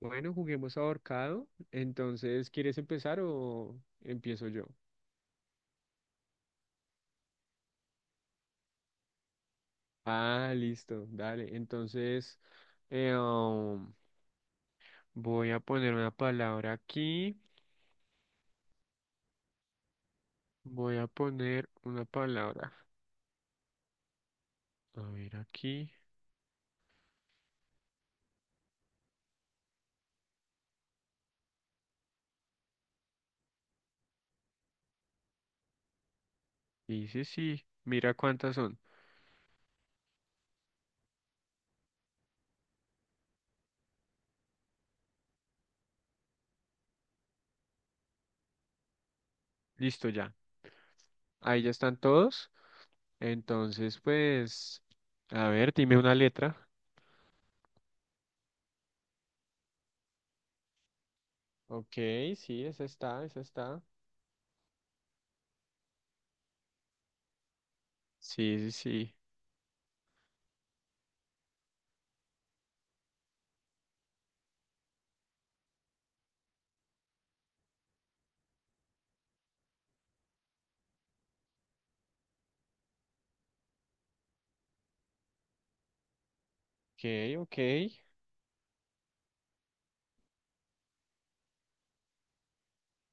Bueno, juguemos ahorcado. Entonces, ¿quieres empezar o empiezo yo? Ah, listo, dale. Entonces, eh, um, voy a poner una palabra aquí. Voy a poner una palabra. A ver aquí. Dice sí. Sí, mira cuántas son. Listo ya. Ahí ya están todos. Entonces, pues, a ver, dime una letra. Ok, sí, esa está, esa está. Sí, sí, sí. Ok, ok.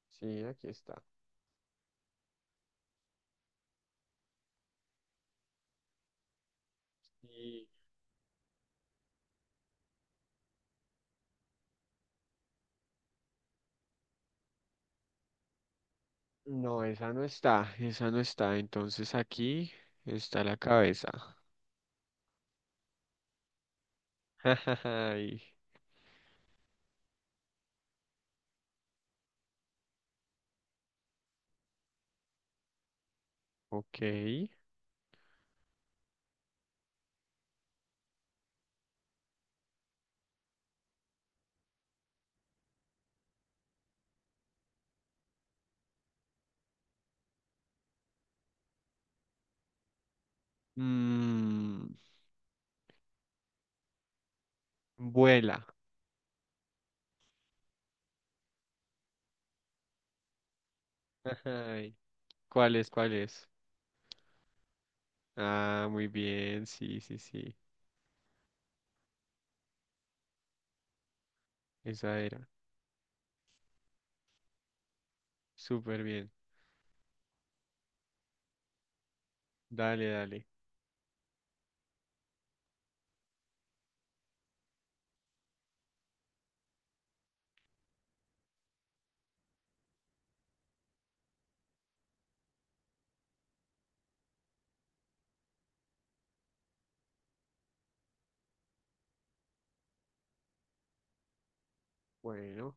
Sí, aquí está. Y no, esa no está, esa no está. Entonces aquí está la cabeza. Ay, ok. Mm, vuela. Ay, ¿cuál es? ¿Cuál es? Ah, muy bien, sí, sí, sí. Esa era. Súper bien. Dale, dale. Bueno,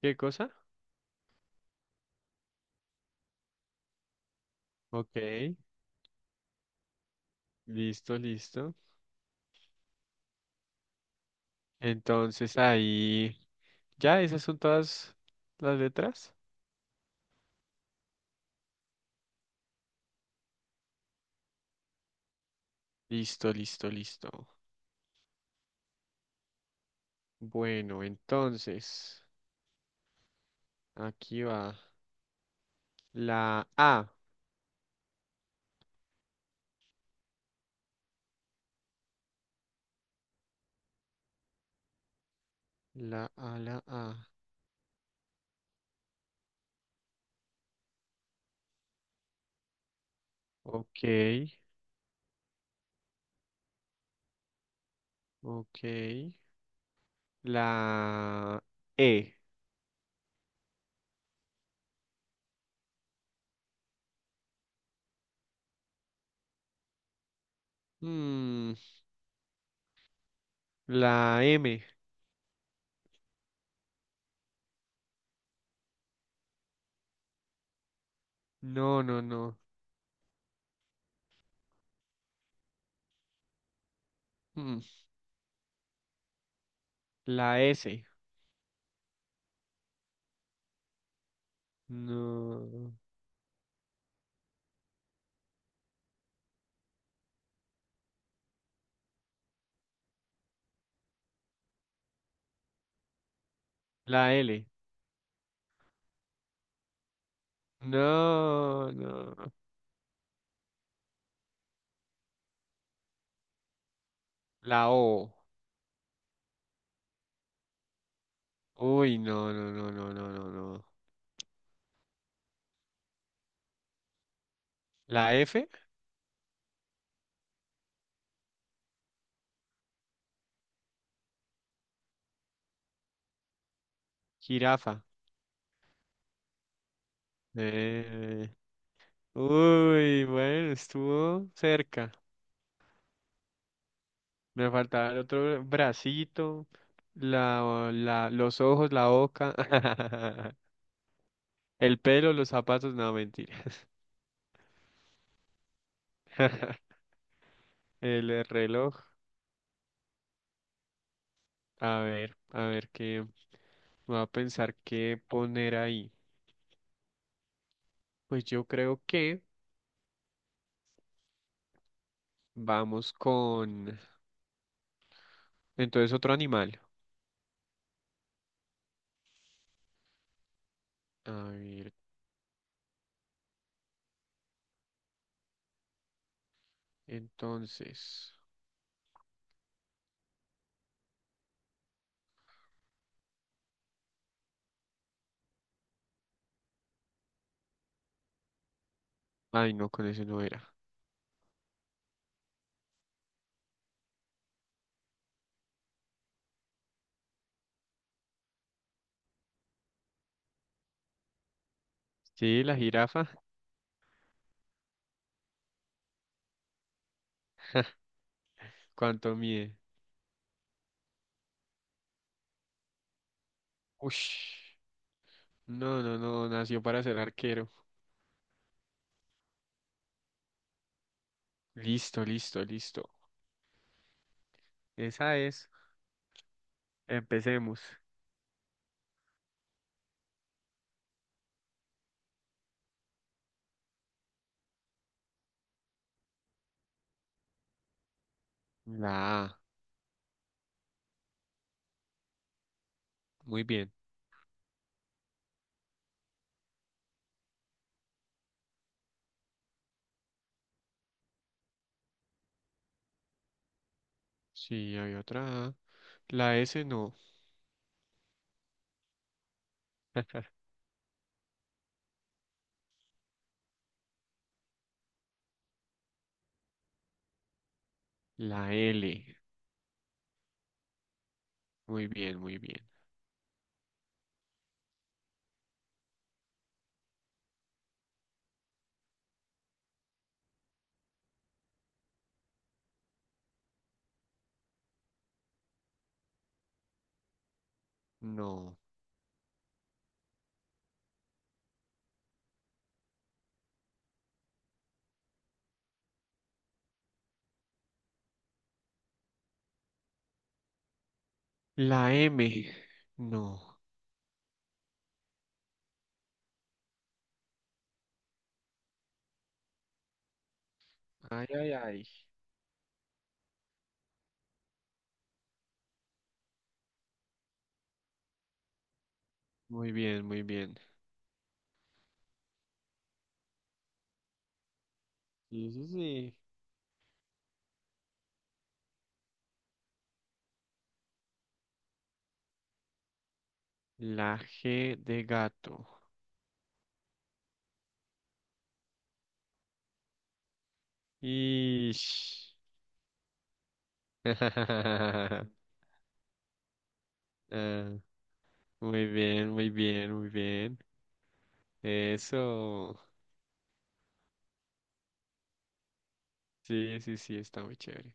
¿qué cosa? Ok, listo, listo. Entonces ahí, ya, esas son todas las letras. Listo, listo, listo. Bueno, entonces. Aquí va. La A. La A, la A. Ok, ok. La E. Mm, la M. No, no, no. Mm, la S. No. La L. No, no. La O. Uy, no, no, no, no, no, no, no. La F. Jirafa. Eh, Uy, bueno, estuvo cerca. Me faltaba el otro bracito, los ojos, la boca, el pelo, los zapatos, no, mentira. El reloj. A ver qué. Voy a pensar qué poner ahí. Pues yo creo que vamos con. Entonces, otro animal. A ver, entonces. Ay, no, con ese no era. Sí, la jirafa. ¿Cuánto mide? Ush. No, no, no, nació para ser arquero. Listo, listo, listo. Esa es. Empecemos. La A. Muy bien. Sí, hay otra A. La S no. La L. Muy bien, muy bien. No. La M. No. Ay, ay, ay. Muy bien, muy bien. Sí, sí, sí. La G de gato. Ish. Ah, muy bien, muy bien, muy bien. Eso. Sí, sí, sí, está muy chévere.